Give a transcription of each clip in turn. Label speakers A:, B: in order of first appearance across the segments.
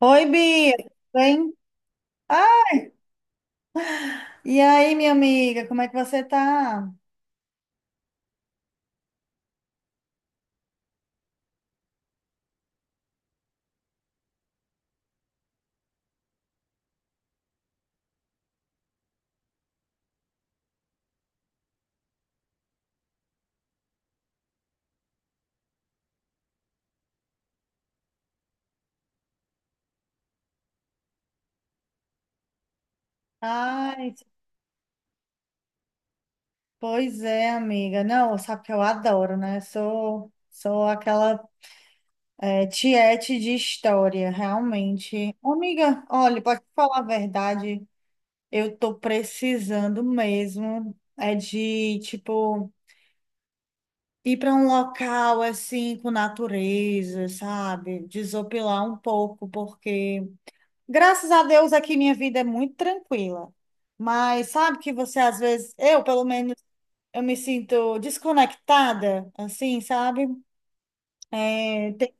A: Oi, Bia, tudo bem? Ah, e aí, minha amiga, como é que você tá? Ai, pois é, amiga. Não, sabe que eu adoro, né? Sou aquela tiete de história, realmente. Ô, amiga, olha, pode falar a verdade, eu tô precisando mesmo é de, tipo, ir para um local assim com natureza, sabe? Desopilar um pouco, porque graças a Deus aqui minha vida é muito tranquila. Mas sabe que você às vezes, eu pelo menos, eu me sinto desconectada, assim, sabe? É, tem,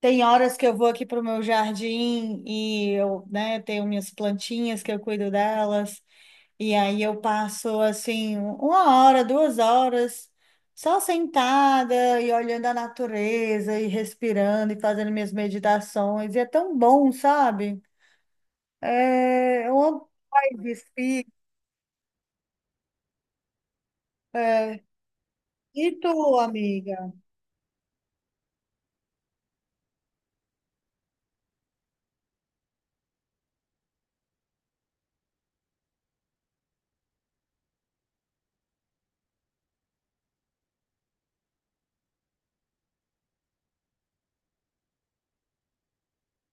A: tem horas que eu vou aqui para o meu jardim e eu, né, tenho minhas plantinhas que eu cuido delas. E aí eu passo, assim, uma hora, duas horas só sentada e olhando a natureza e respirando e fazendo minhas meditações. E é tão bom, sabe? É, onde vai vestir? É, e tu, amiga?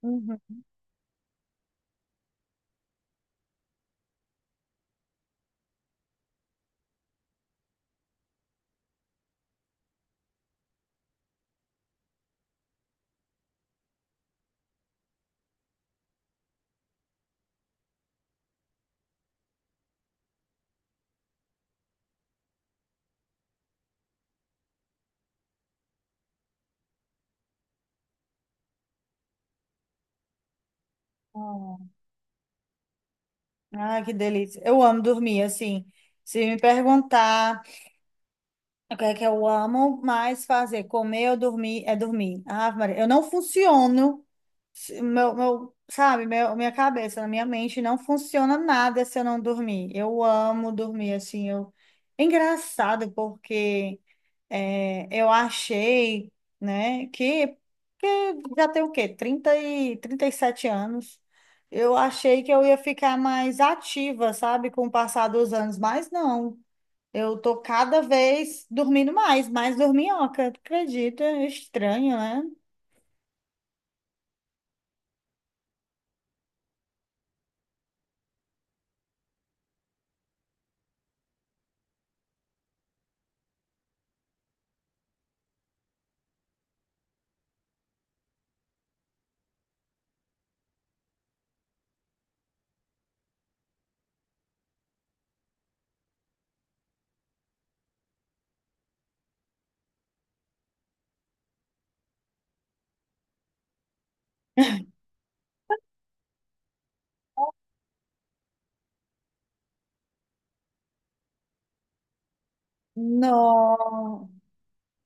A: Uhum. Ah, que delícia. Eu amo dormir, assim. Se me perguntar o que é que eu amo mais fazer, comer ou dormir, é dormir. Ah, Maria, eu não funciono, minha cabeça, na minha mente, não funciona nada se eu não dormir. Eu amo dormir, assim. Eu... É engraçado, porque. Eu achei, né, que já tem o quê? Trinta e sete anos. Eu achei que eu ia ficar mais ativa, sabe, com o passar dos anos, mas não. Eu tô cada vez dormindo mais, mais dorminhoca, tu acredita? É estranho, né? Não.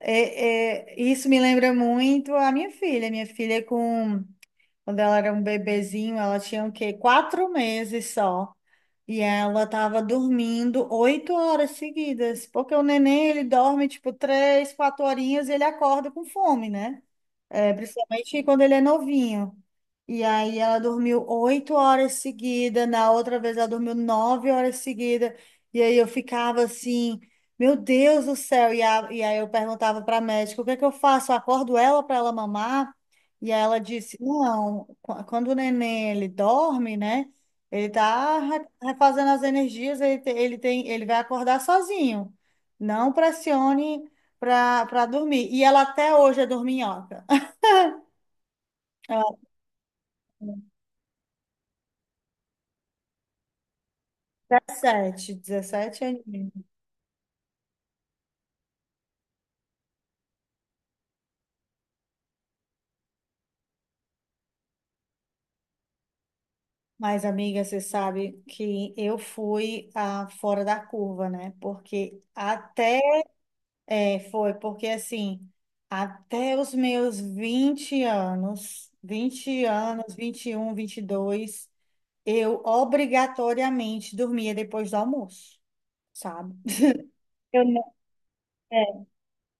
A: Isso me lembra muito a minha filha. Quando ela era um bebezinho, ela tinha o quê? Quatro meses só. E ela tava dormindo oito horas seguidas, porque o neném ele dorme tipo três, quatro horinhas e ele acorda com fome, né? É, principalmente quando ele é novinho. E aí ela dormiu oito horas seguidas, na outra vez ela dormiu nove horas seguidas. E aí eu ficava assim, meu Deus do céu. E aí eu perguntava para a médica, o que é que eu faço? Eu acordo ela para ela mamar? E aí ela disse, não, quando o neném ele dorme, né? Ele tá refazendo as energias, ele, te- ele tem, ele vai acordar sozinho. Não pressione para dormir. E ela até hoje é dorminhoca. Ela era 17, 17 aninhos. Mas, amiga, você sabe que eu fui a fora da curva, né? Porque até é, foi, porque assim, até os meus 20 anos, um 21, dois eu obrigatoriamente dormia depois do almoço, sabe? Eu não.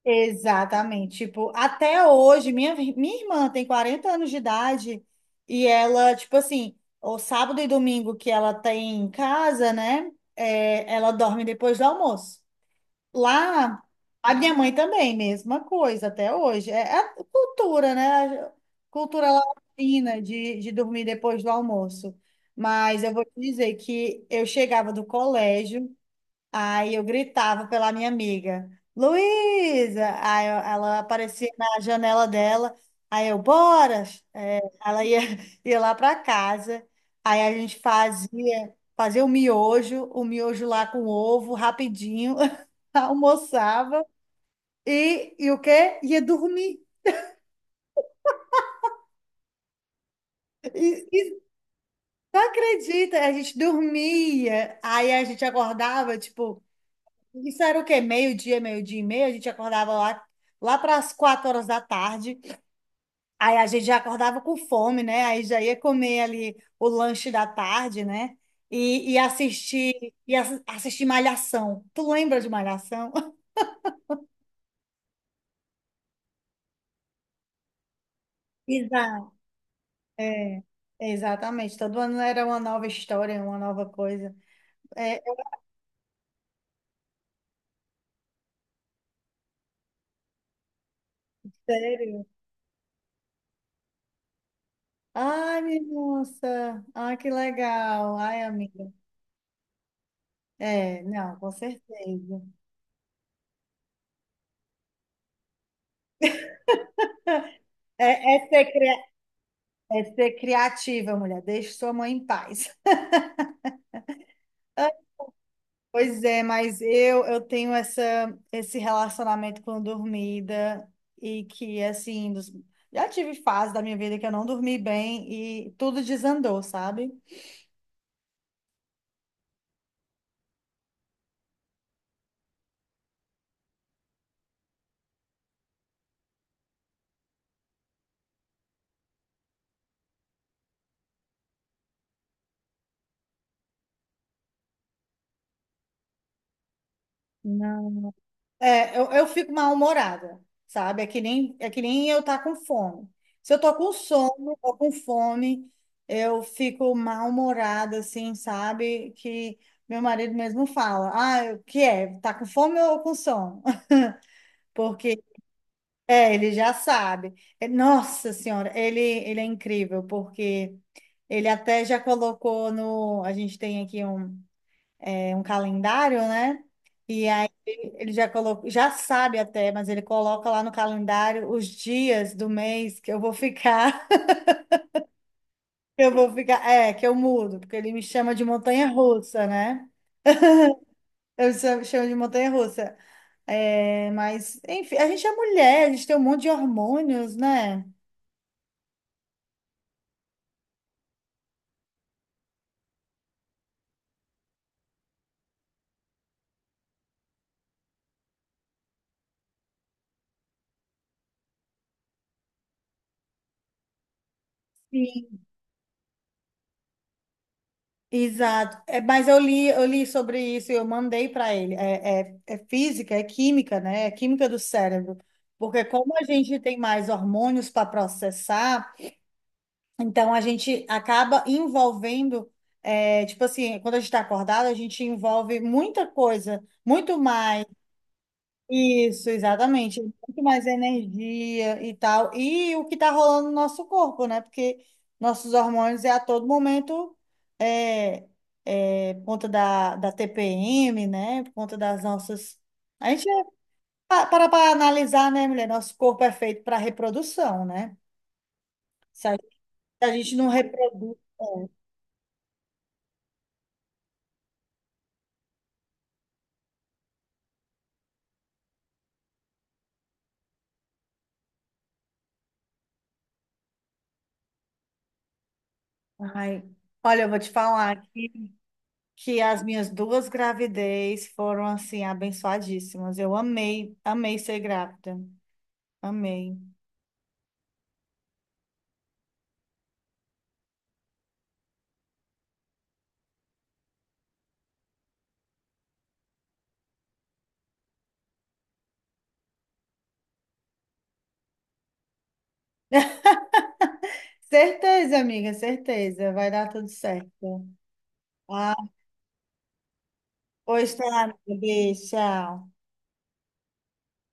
A: Exatamente. Tipo, até hoje, minha irmã tem 40 anos de idade e ela, tipo assim, o sábado e domingo que ela tem em casa, né? Ela dorme depois do almoço. Lá, a minha mãe também, mesma coisa, até hoje. É a cultura, né? A cultura latina de dormir depois do almoço. Mas eu vou te dizer que eu chegava do colégio. Aí eu gritava pela minha amiga, Luísa! Ela aparecia na janela dela, aí eu, bora! É, ela ia, ia lá para casa, aí a gente fazia, fazia o miojo lá com ovo, rapidinho, almoçava, e o quê? Ia dormir. E não acredita, a gente dormia, aí a gente acordava, tipo, isso era o quê? Meio-dia, meio-dia e meia, a gente acordava lá para as quatro horas da tarde. Aí a gente já acordava com fome, né? Aí já ia comer ali o lanche da tarde, né? E assistir, e assistir Malhação. Tu lembra de Malhação? Exato. É, exatamente. Todo ano era uma nova história, uma nova coisa. É, é sério. Ai, minha nossa. Ai, que legal. Ai, amiga. É, não, com certeza. É, é É ser criativa, mulher. Deixe sua mãe em paz. Pois é, mas eu tenho essa esse relacionamento com dormida e, já tive fase da minha vida que eu não dormi bem e tudo desandou, sabe? Eu fico mal-humorada, sabe? É que nem eu tá com fome. Se eu tô com sono ou com fome, eu fico mal-humorada, assim, sabe? Que meu marido mesmo fala, ah, o que é? Tá com fome ou com sono? Porque, ele já sabe. É, Nossa Senhora, ele é incrível, porque ele até já colocou no... A gente tem aqui é um calendário, né? E aí ele já colocou, já sabe até, mas ele coloca lá no calendário os dias do mês que eu vou ficar, que eu vou que eu mudo, porque ele me chama de montanha-russa, né? Eu chamo de montanha-russa. É, mas, enfim, a gente é mulher, a gente tem um monte de hormônios, né? Sim. Exato. É, mas eu li sobre isso e eu mandei para ele. É física, é química, né? É química do cérebro. Porque como a gente tem mais hormônios para processar, então a gente acaba envolvendo, é, tipo assim, quando a gente está acordado, a gente envolve muita coisa, muito mais. Isso, exatamente. Muito mais energia e tal. E o que está rolando no nosso corpo, né? Porque nossos hormônios é a todo momento, é, por conta da TPM, né? Por conta das nossas. A gente para analisar, né, mulher? Nosso corpo é feito para reprodução, né? Se a gente não reproduz. Ai, olha, eu vou te falar aqui que as minhas duas gravidez foram, assim, abençoadíssimas. Eu amei, amei ser grávida. Amém. Certeza, amiga, certeza. Vai dar tudo certo. Ah, pois tá, amiga. Beijo, tchau.